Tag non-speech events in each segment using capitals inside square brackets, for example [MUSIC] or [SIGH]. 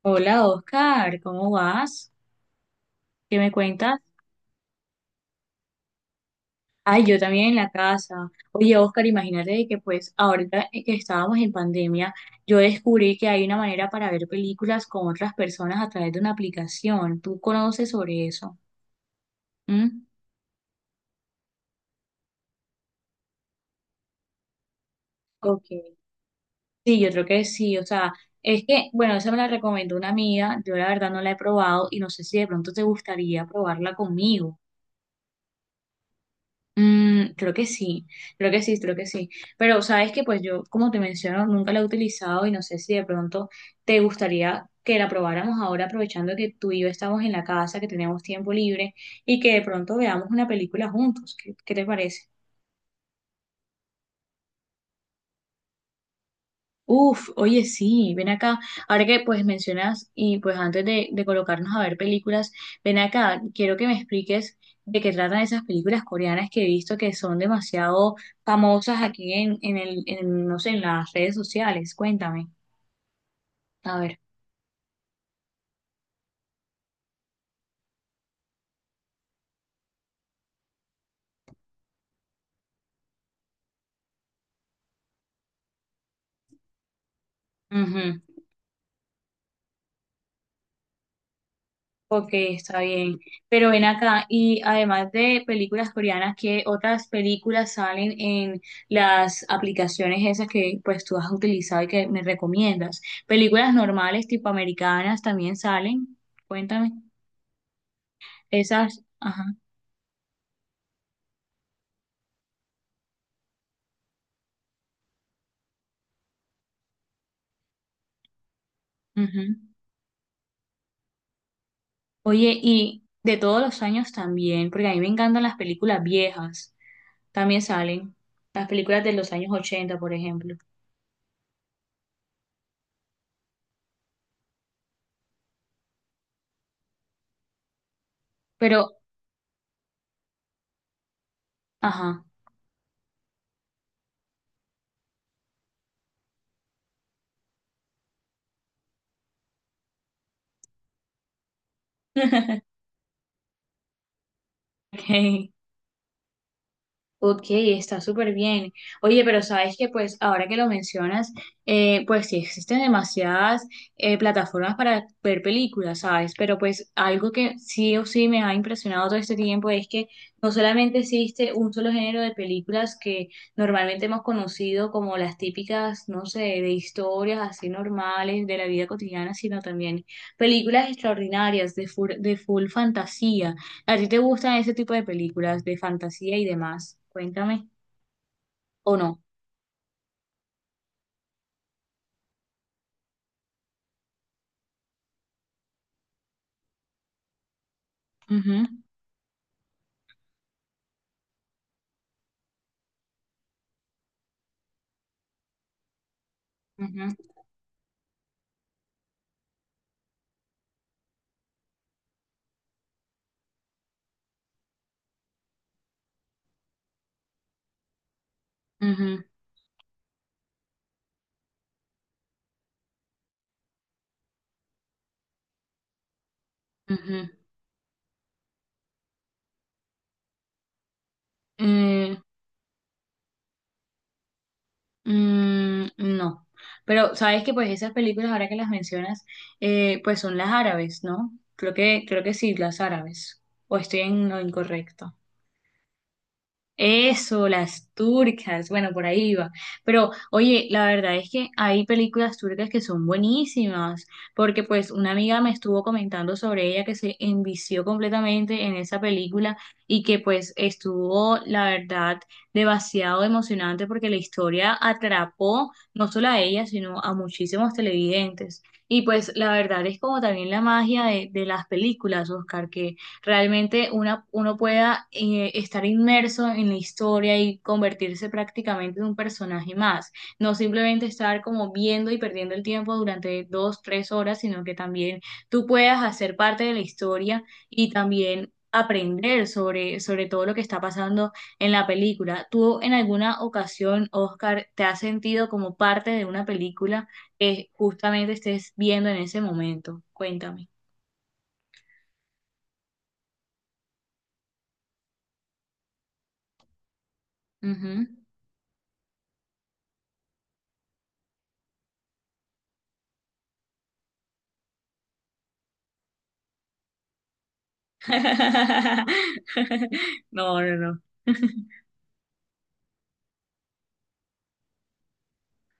Hola Oscar, ¿cómo vas? ¿Qué me cuentas? Ay, yo también en la casa. Oye Oscar, imagínate de que pues ahorita que estábamos en pandemia, yo descubrí que hay una manera para ver películas con otras personas a través de una aplicación. ¿Tú conoces sobre eso? ¿Mm? Ok. Sí, yo creo que sí. O sea, es que, bueno, esa me la recomendó una amiga. Yo la verdad no la he probado y no sé si de pronto te gustaría probarla conmigo. Creo que sí, creo que sí, creo que sí. Pero sabes que pues yo, como te menciono, nunca la he utilizado y no sé si de pronto te gustaría que la probáramos ahora aprovechando que tú y yo estamos en la casa, que tenemos tiempo libre y que de pronto veamos una película juntos. ¿Qué te parece? Uf, oye, sí, ven acá. Ahora que pues mencionas y pues antes de colocarnos a ver películas, ven acá, quiero que me expliques de qué tratan esas películas coreanas que he visto que son demasiado famosas aquí, no sé, en las redes sociales. Cuéntame. A ver. Ok, está bien. Pero ven acá, y además de películas coreanas, ¿qué otras películas salen en las aplicaciones esas que pues tú has utilizado y que me recomiendas? Películas normales tipo americanas también salen. Cuéntame. Esas, ajá. Ujú. Oye, y de todos los años también, porque a mí me encantan las películas viejas, también salen. Las películas de los años ochenta, por ejemplo. Pero, ajá. [LAUGHS] Ok. Ok, está súper bien. Oye, pero sabes que pues ahora que lo mencionas, pues sí existen demasiadas plataformas para ver películas, ¿sabes? Pero pues algo que sí o sí me ha impresionado todo este tiempo es que no solamente existe un solo género de películas que normalmente hemos conocido como las típicas, no sé, de historias así normales de la vida cotidiana, sino también películas extraordinarias de full fantasía. ¿A ti te gustan ese tipo de películas de fantasía y demás? Cuéntame. ¿O no? Ujú, ujú, ujú, ujú. Mm, mm, no. Pero sabes que pues esas películas, ahora que las mencionas, pues son las árabes, ¿no? Creo que sí, las árabes. ¿O estoy en lo incorrecto? Eso, las turcas, bueno, por ahí iba. Pero, oye, la verdad es que hay películas turcas que son buenísimas, porque pues una amiga me estuvo comentando sobre ella que se envició completamente en esa película y que pues estuvo, la verdad, demasiado emocionante porque la historia atrapó no solo a ella, sino a muchísimos televidentes. Y pues la verdad es como también la magia de las películas, Oscar, realmente una, uno pueda estar inmerso en la historia y convertirse prácticamente en un personaje más. No simplemente estar como viendo y perdiendo el tiempo durante dos, tres horas, sino que también tú puedas hacer parte de la historia y también aprender sobre todo lo que está pasando en la película. ¿Tú en alguna ocasión, Oscar, te has sentido como parte de una película que justamente estés viendo en ese momento? Cuéntame. Ujú. [LAUGHS] No, no, no. [LAUGHS]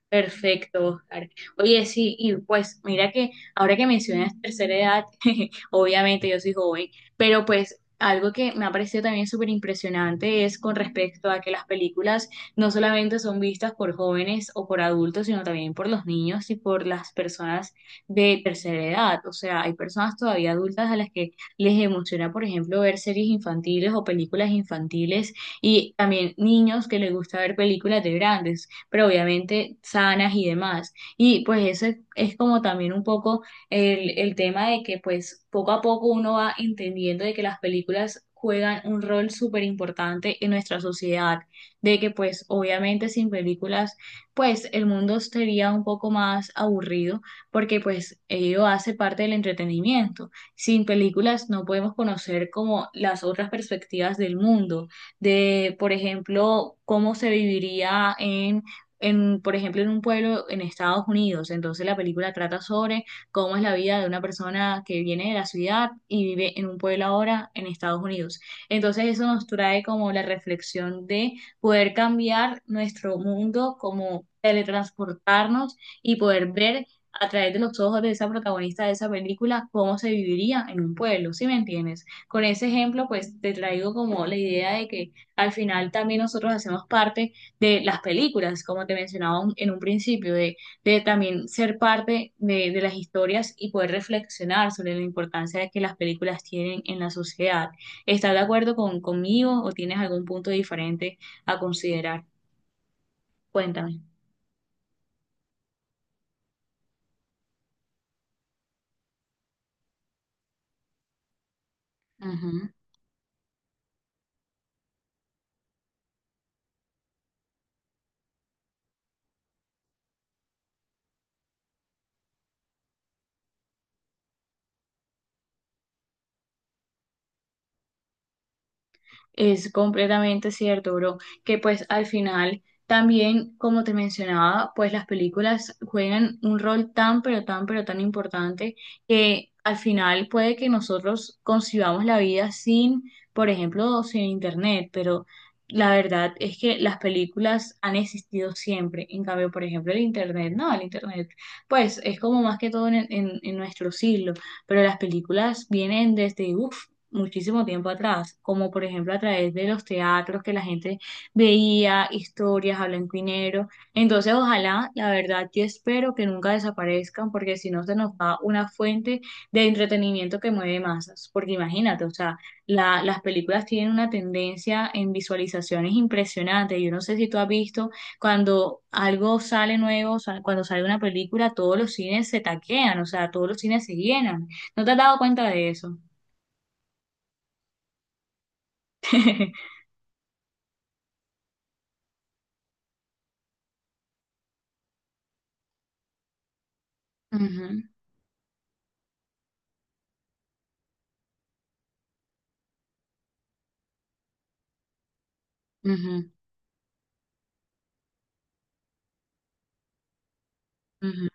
Perfecto, Oscar. Oye, sí, y pues mira que ahora que mencionas tercera edad, [LAUGHS] obviamente yo soy joven, pero pues algo que me ha parecido también súper impresionante es con respecto a que las películas no solamente son vistas por jóvenes o por adultos, sino también por los niños y por las personas de tercera edad. O sea, hay personas todavía adultas a las que les emociona, por ejemplo, ver series infantiles o películas infantiles y también niños que les gusta ver películas de grandes pero obviamente sanas y demás. Y pues eso es como también un poco el tema de que pues poco a poco uno va entendiendo de que las películas juegan un rol súper importante en nuestra sociedad, de que pues obviamente sin películas pues el mundo sería un poco más aburrido porque pues ello hace parte del entretenimiento. Sin películas no podemos conocer como las otras perspectivas del mundo, de por ejemplo cómo se viviría en, por ejemplo, en un pueblo en Estados Unidos. Entonces la película trata sobre cómo es la vida de una persona que viene de la ciudad y vive en un pueblo ahora en Estados Unidos. Entonces eso nos trae como la reflexión de poder cambiar nuestro mundo, como teletransportarnos y poder ver a través de los ojos de esa protagonista de esa película cómo se viviría en un pueblo, ¿sí me entiendes? Con ese ejemplo, pues te traigo como la idea de que al final también nosotros hacemos parte de las películas, como te mencionaba en un principio, de también ser parte de las historias y poder reflexionar sobre la importancia que las películas tienen en la sociedad. ¿Estás de acuerdo conmigo o tienes algún punto diferente a considerar? Cuéntame. Es completamente cierto, bro, que pues al final también, como te mencionaba, pues las películas juegan un rol tan, pero tan, pero tan importante que al final puede que nosotros concibamos la vida sin, por ejemplo, sin internet, pero la verdad es que las películas han existido siempre. En cambio, por ejemplo, el internet, no, el internet, pues es como más que todo en nuestro siglo, pero las películas vienen desde, uff, muchísimo tiempo atrás, como por ejemplo a través de los teatros que la gente veía, historias a blanco y negro. Entonces, ojalá, la verdad, yo espero que nunca desaparezcan, porque si no se nos va una fuente de entretenimiento que mueve masas. Porque imagínate, o sea, las películas tienen una tendencia en visualizaciones impresionante. Yo no sé si tú has visto cuando algo sale nuevo, o sea, cuando sale una película, todos los cines se taquean, o sea, todos los cines se llenan. ¿No te has dado cuenta de eso? [LAUGHS] Ujú, ujú, ujú.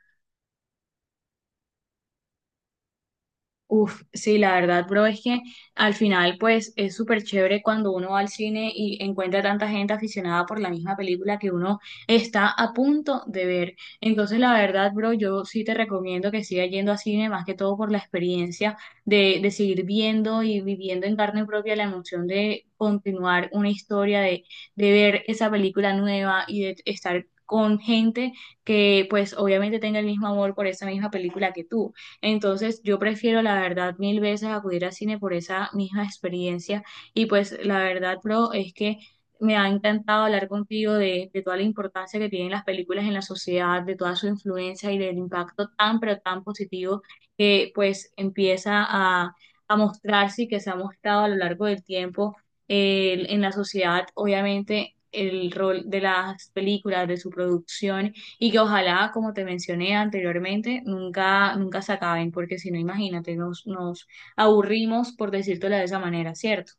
Uf, sí, la verdad, bro, es que al final, pues, es súper chévere cuando uno va al cine y encuentra tanta gente aficionada por la misma película que uno está a punto de ver. Entonces, la verdad, bro, yo sí te recomiendo que sigas yendo a cine, más que todo por la experiencia de seguir viendo y viviendo en carne propia la emoción de continuar una historia, de ver esa película nueva y de estar con gente que, pues, obviamente tenga el mismo amor por esa misma película que tú. Entonces, yo prefiero la verdad mil veces acudir al cine por esa misma experiencia. Y pues la verdad, bro, es que me ha encantado hablar contigo de toda la importancia que tienen las películas en la sociedad, de toda su influencia y del impacto tan, pero tan positivo que pues empieza a mostrarse y que se ha mostrado a lo largo del tiempo en la sociedad, obviamente, el rol de las películas, de su producción y que ojalá, como te mencioné anteriormente, nunca, nunca se acaben, porque si no, imagínate, nos aburrimos por decírtelo de esa manera, ¿cierto?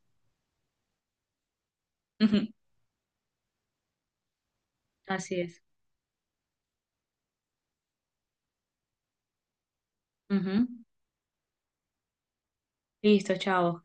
[LAUGHS] Ujú. Así es. Ujú. Listo, chao, Oscar.